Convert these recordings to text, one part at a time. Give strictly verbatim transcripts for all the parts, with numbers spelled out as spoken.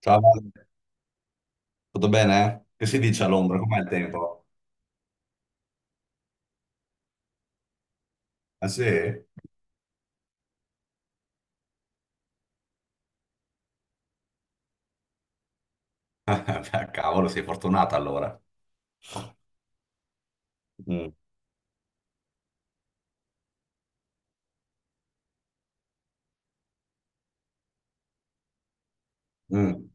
Ciao, Vale. Tutto bene? eh? Che si dice all'ombra? Com'è il tempo? Ah sì? Beh, cavolo, sei fortunata allora. Mm. Mm.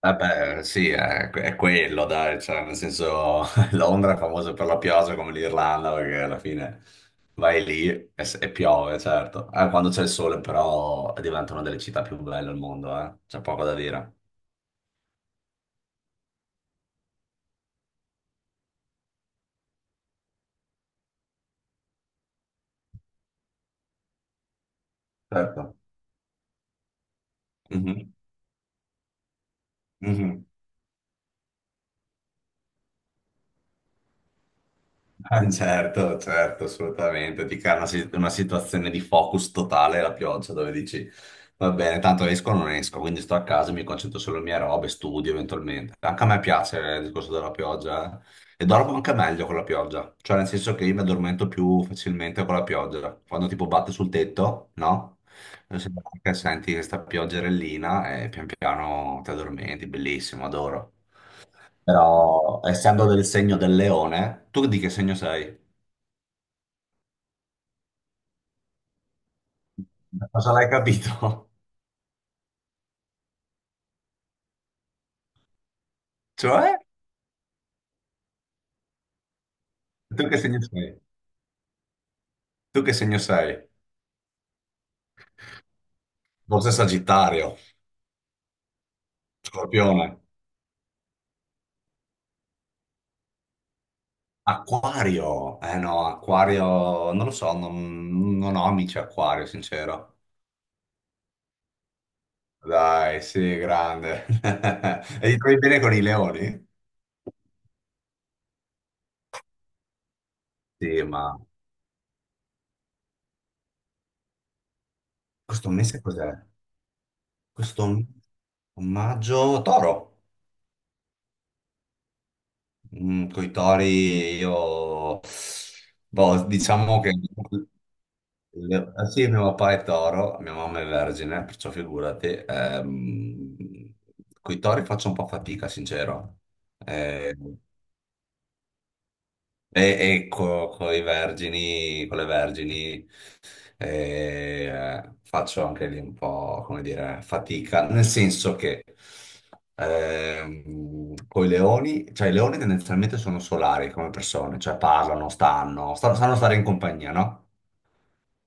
Vabbè, sì, è, è quello, dai, cioè, nel senso, Londra è famosa per la pioggia come l'Irlanda, perché alla fine vai lì e, s- e piove, certo. Eh, quando c'è il sole, però, diventa una delle città più belle al mondo, eh. C'è poco da dire. Certo. Mhm. Mhm. Ah, certo, certo, assolutamente. Ti crea una, si- una situazione di focus totale la pioggia dove dici va bene, tanto esco o non esco, quindi sto a casa, mi concentro sulle mie robe, studio eventualmente. Anche a me piace il discorso della pioggia eh. E dormo anche meglio con la pioggia, cioè nel senso che io mi addormento più facilmente con la pioggia. Quando tipo batte sul tetto, no? E se- che senti questa pioggerellina e pian piano ti addormenti, bellissimo, adoro. Però essendo del segno del leone, tu di che segno sei? Ma cosa l'hai capito? Cioè? Tu che segno sei? Tu che segno sei? Forse Sagittario, Scorpione, Acquario. Eh no, Acquario, non lo so, non, non ho amici Acquario, sincero. Dai, sì, grande. E ti trovi bene con i leoni? Sì, ma questo mese cos'è? Questo maggio, Toro. Mm, coi tori io, boh, diciamo che le- eh, sì, mio papà è toro, mia mamma è vergine, perciò figurati, ehm, coi tori faccio un po' fatica, sincero. Ehm, e, ecco, con i vergini, con le vergini eh, faccio anche lì un po', come dire, fatica, nel senso che ehm, con i leoni, cioè i leoni tendenzialmente sono solari come persone, cioè parlano, stanno, stanno- sanno stare in compagnia, no?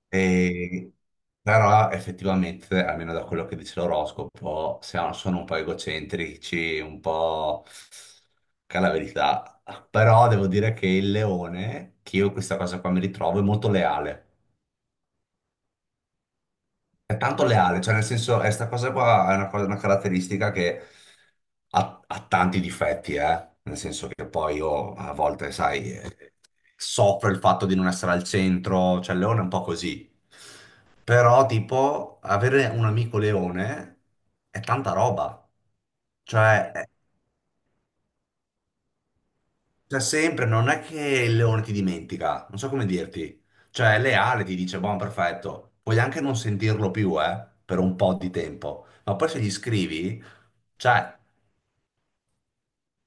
E- Però effettivamente, almeno da quello che dice l'oroscopo, siamo- sono un po' egocentrici, un po' che è la verità. Però devo dire che il leone, che io in questa cosa qua mi ritrovo, è molto leale. È tanto leale, cioè nel senso, è sta cosa qua è una, cosa- una caratteristica che ha, ha tanti difetti, eh? Nel senso che poi io a volte, sai, eh, soffro il fatto di non essere al centro, cioè Leone è un po' così. Però, tipo, avere un amico Leone è tanta roba. Cioè, cioè, sempre, non è che il leone ti dimentica, non so come dirti. Cioè, è leale, ti dice, buon, perfetto. Puoi anche non sentirlo più, eh, per un po' di tempo. Ma poi se gli scrivi, cioè,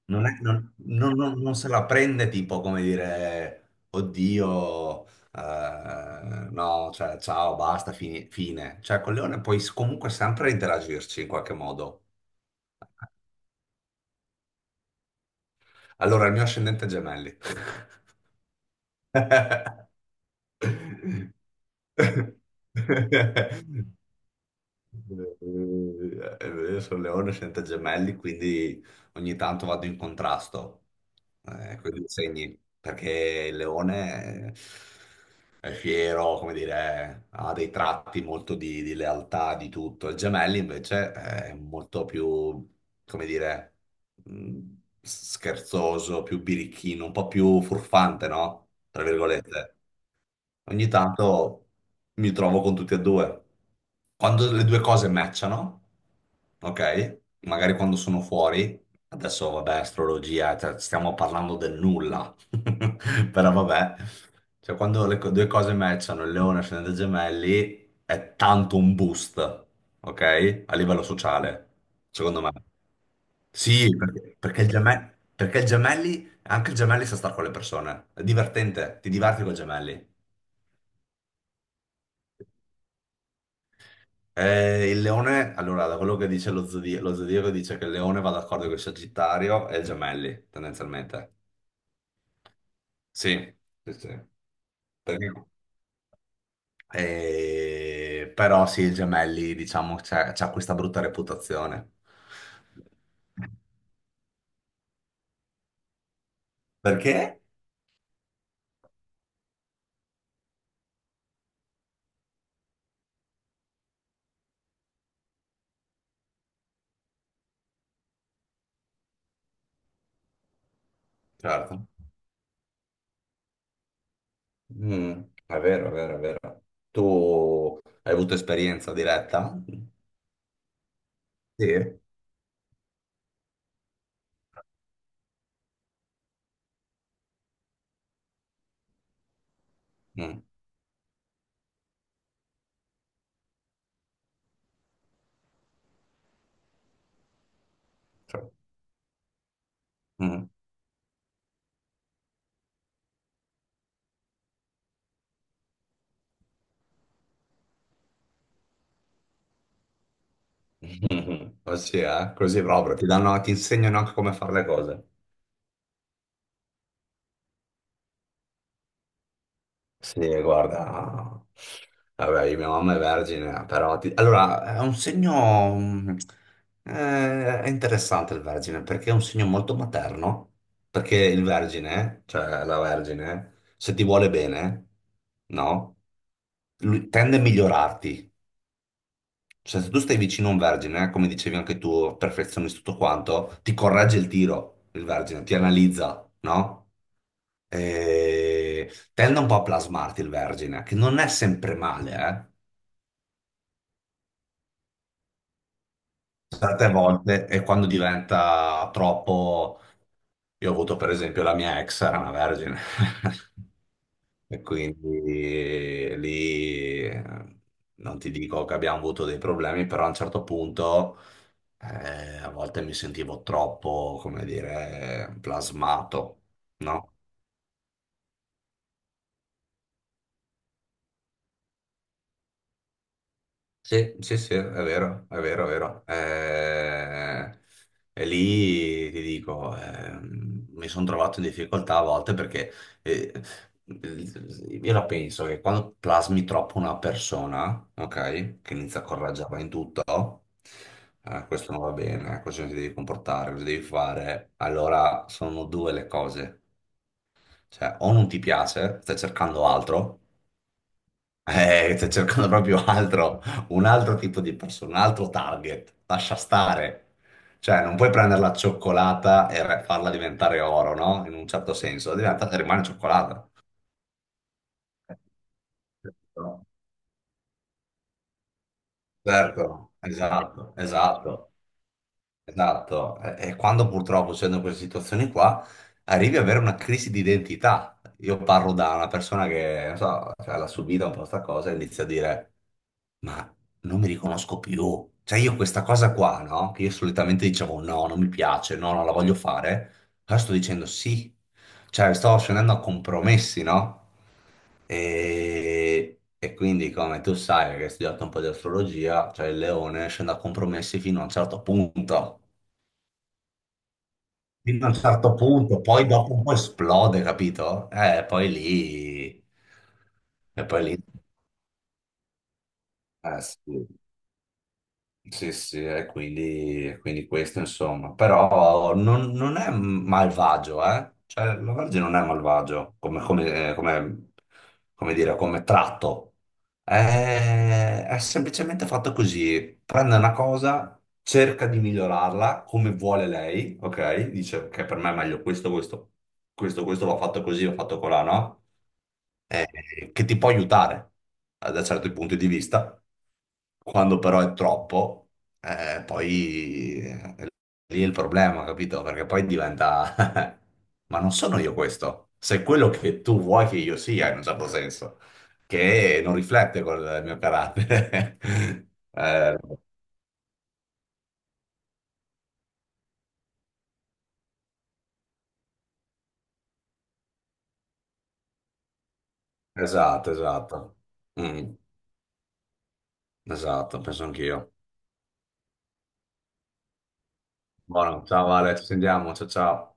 non è- non- non- non- non se la prende tipo come dire, oddio, eh, no, cioè, ciao, basta, fini- fine. Cioè, col leone puoi s- comunque sempre interagirci in qualche modo. Allora, il mio ascendente è gemelli. Eh, eh, Io sono leone, sento gemelli, quindi ogni tanto vado in contrasto eh, con i segni, perché il leone è fiero, come dire, ha dei tratti molto di, di lealtà, di tutto. Il gemelli invece eh, è molto più, come dire, mh, scherzoso, più birichino, un po' più furfante, no? Tra virgolette. Ogni tanto mi trovo con tutti e due. Quando le due cose matchano, ok? Magari quando sono fuori, adesso vabbè, astrologia, cioè, stiamo parlando del nulla, però vabbè, cioè quando le co- due cose matchano, il leone ascende gemelli, è tanto un boost, ok? A livello sociale, secondo me. Sì, perché, perché il geme- perché il gemelli, anche il gemelli sa stare con le persone, è divertente, ti diverti con i gemelli. Eh, il leone, allora, da quello che dice lo zodi- lo zodiaco, dice che il leone va d'accordo con il Sagittario e i gemelli, tendenzialmente. Sì, sì, sì. Perché- Eh, però sì, i gemelli, diciamo, c'è c'ha questa brutta reputazione. Perché? Certo. Mm, è vero, è vero, è vero. Tu hai avuto esperienza diretta? Sì. Mm, cioè, mm. Ossia, eh? Così proprio, ti danno, ti insegnano anche come fare le cose. Sì, guarda, vabbè, io- mia mamma è vergine, però ti- allora è un segno mh, eh, è interessante il vergine perché è un segno molto materno, perché il vergine, cioè la vergine, se ti vuole bene, no? Lui tende a migliorarti. Cioè, se tu stai vicino a un vergine, come dicevi anche tu, perfezionisti tutto quanto, ti corregge il tiro, il vergine, ti analizza, no? E tende un po' a plasmarti il vergine, che non è sempre male, eh? Certe volte, e quando diventa troppo... Io ho avuto per esempio la mia ex, era una vergine. E quindi eh, lì eh, non ti dico che abbiamo avuto dei problemi, però a un certo punto eh, a volte mi sentivo troppo, come dire, plasmato, no? Sì, sì, sì, è vero, è vero, è vero. Eh, e lì ti dico, ehm, mi sono trovato in difficoltà a volte perché eh, io la penso che quando plasmi troppo una persona, ok, che inizia a coraggiarla in tutto, eh, questo non va bene, così non ti devi comportare, così devi fare, allora sono due le cose. Cioè, o non ti piace, stai cercando altro, eh, sto cercando proprio altro, un altro tipo di persona, un altro target. Lascia stare. Cioè, non puoi prendere la cioccolata e re- farla diventare oro, no? In un certo senso, diventa, rimane cioccolata. Certo, esatto, esatto. Esatto, e e quando purtroppo c'è in queste situazioni qua, arrivi ad avere una crisi di identità. Io parlo da una persona che, non so, cioè, l'ha subita un po' sta cosa e inizia a dire, ma non mi riconosco più. Cioè io questa cosa qua, no? Che io solitamente dicevo no, non mi piace, no, non la voglio fare, ora sto dicendo sì. Cioè sto scendendo a compromessi, no? E, e quindi, come tu sai, che hai studiato un po' di astrologia, cioè il leone scende a compromessi fino a un certo punto fino a un certo punto, poi dopo un po' esplode, capito? Eh, poi lì... E poi lì... eh, sì. Sì, sì, e quindi, e quindi questo insomma, però non, non è malvagio, eh? Cioè, la Vergine non è malvagio come, come- eh, come- come dire, come tratto, è, è semplicemente fatto così, prende una cosa, cerca di migliorarla come vuole lei, ok? Dice che per me è meglio questo, questo, questo, questo l'ho fatto così, l'ho fatto colà, no? Eh, che ti può aiutare eh, da certi punti di vista, quando però è troppo, eh, poi eh, lì è il problema, capito? Perché poi diventa, ma non sono io questo, sei quello che tu vuoi che io sia in un certo senso, che non riflette col mio carattere. Eh, esatto, esatto. Mm, esatto, penso anch'io. Buono, ciao Vale, ci sentiamo, ciao ciao.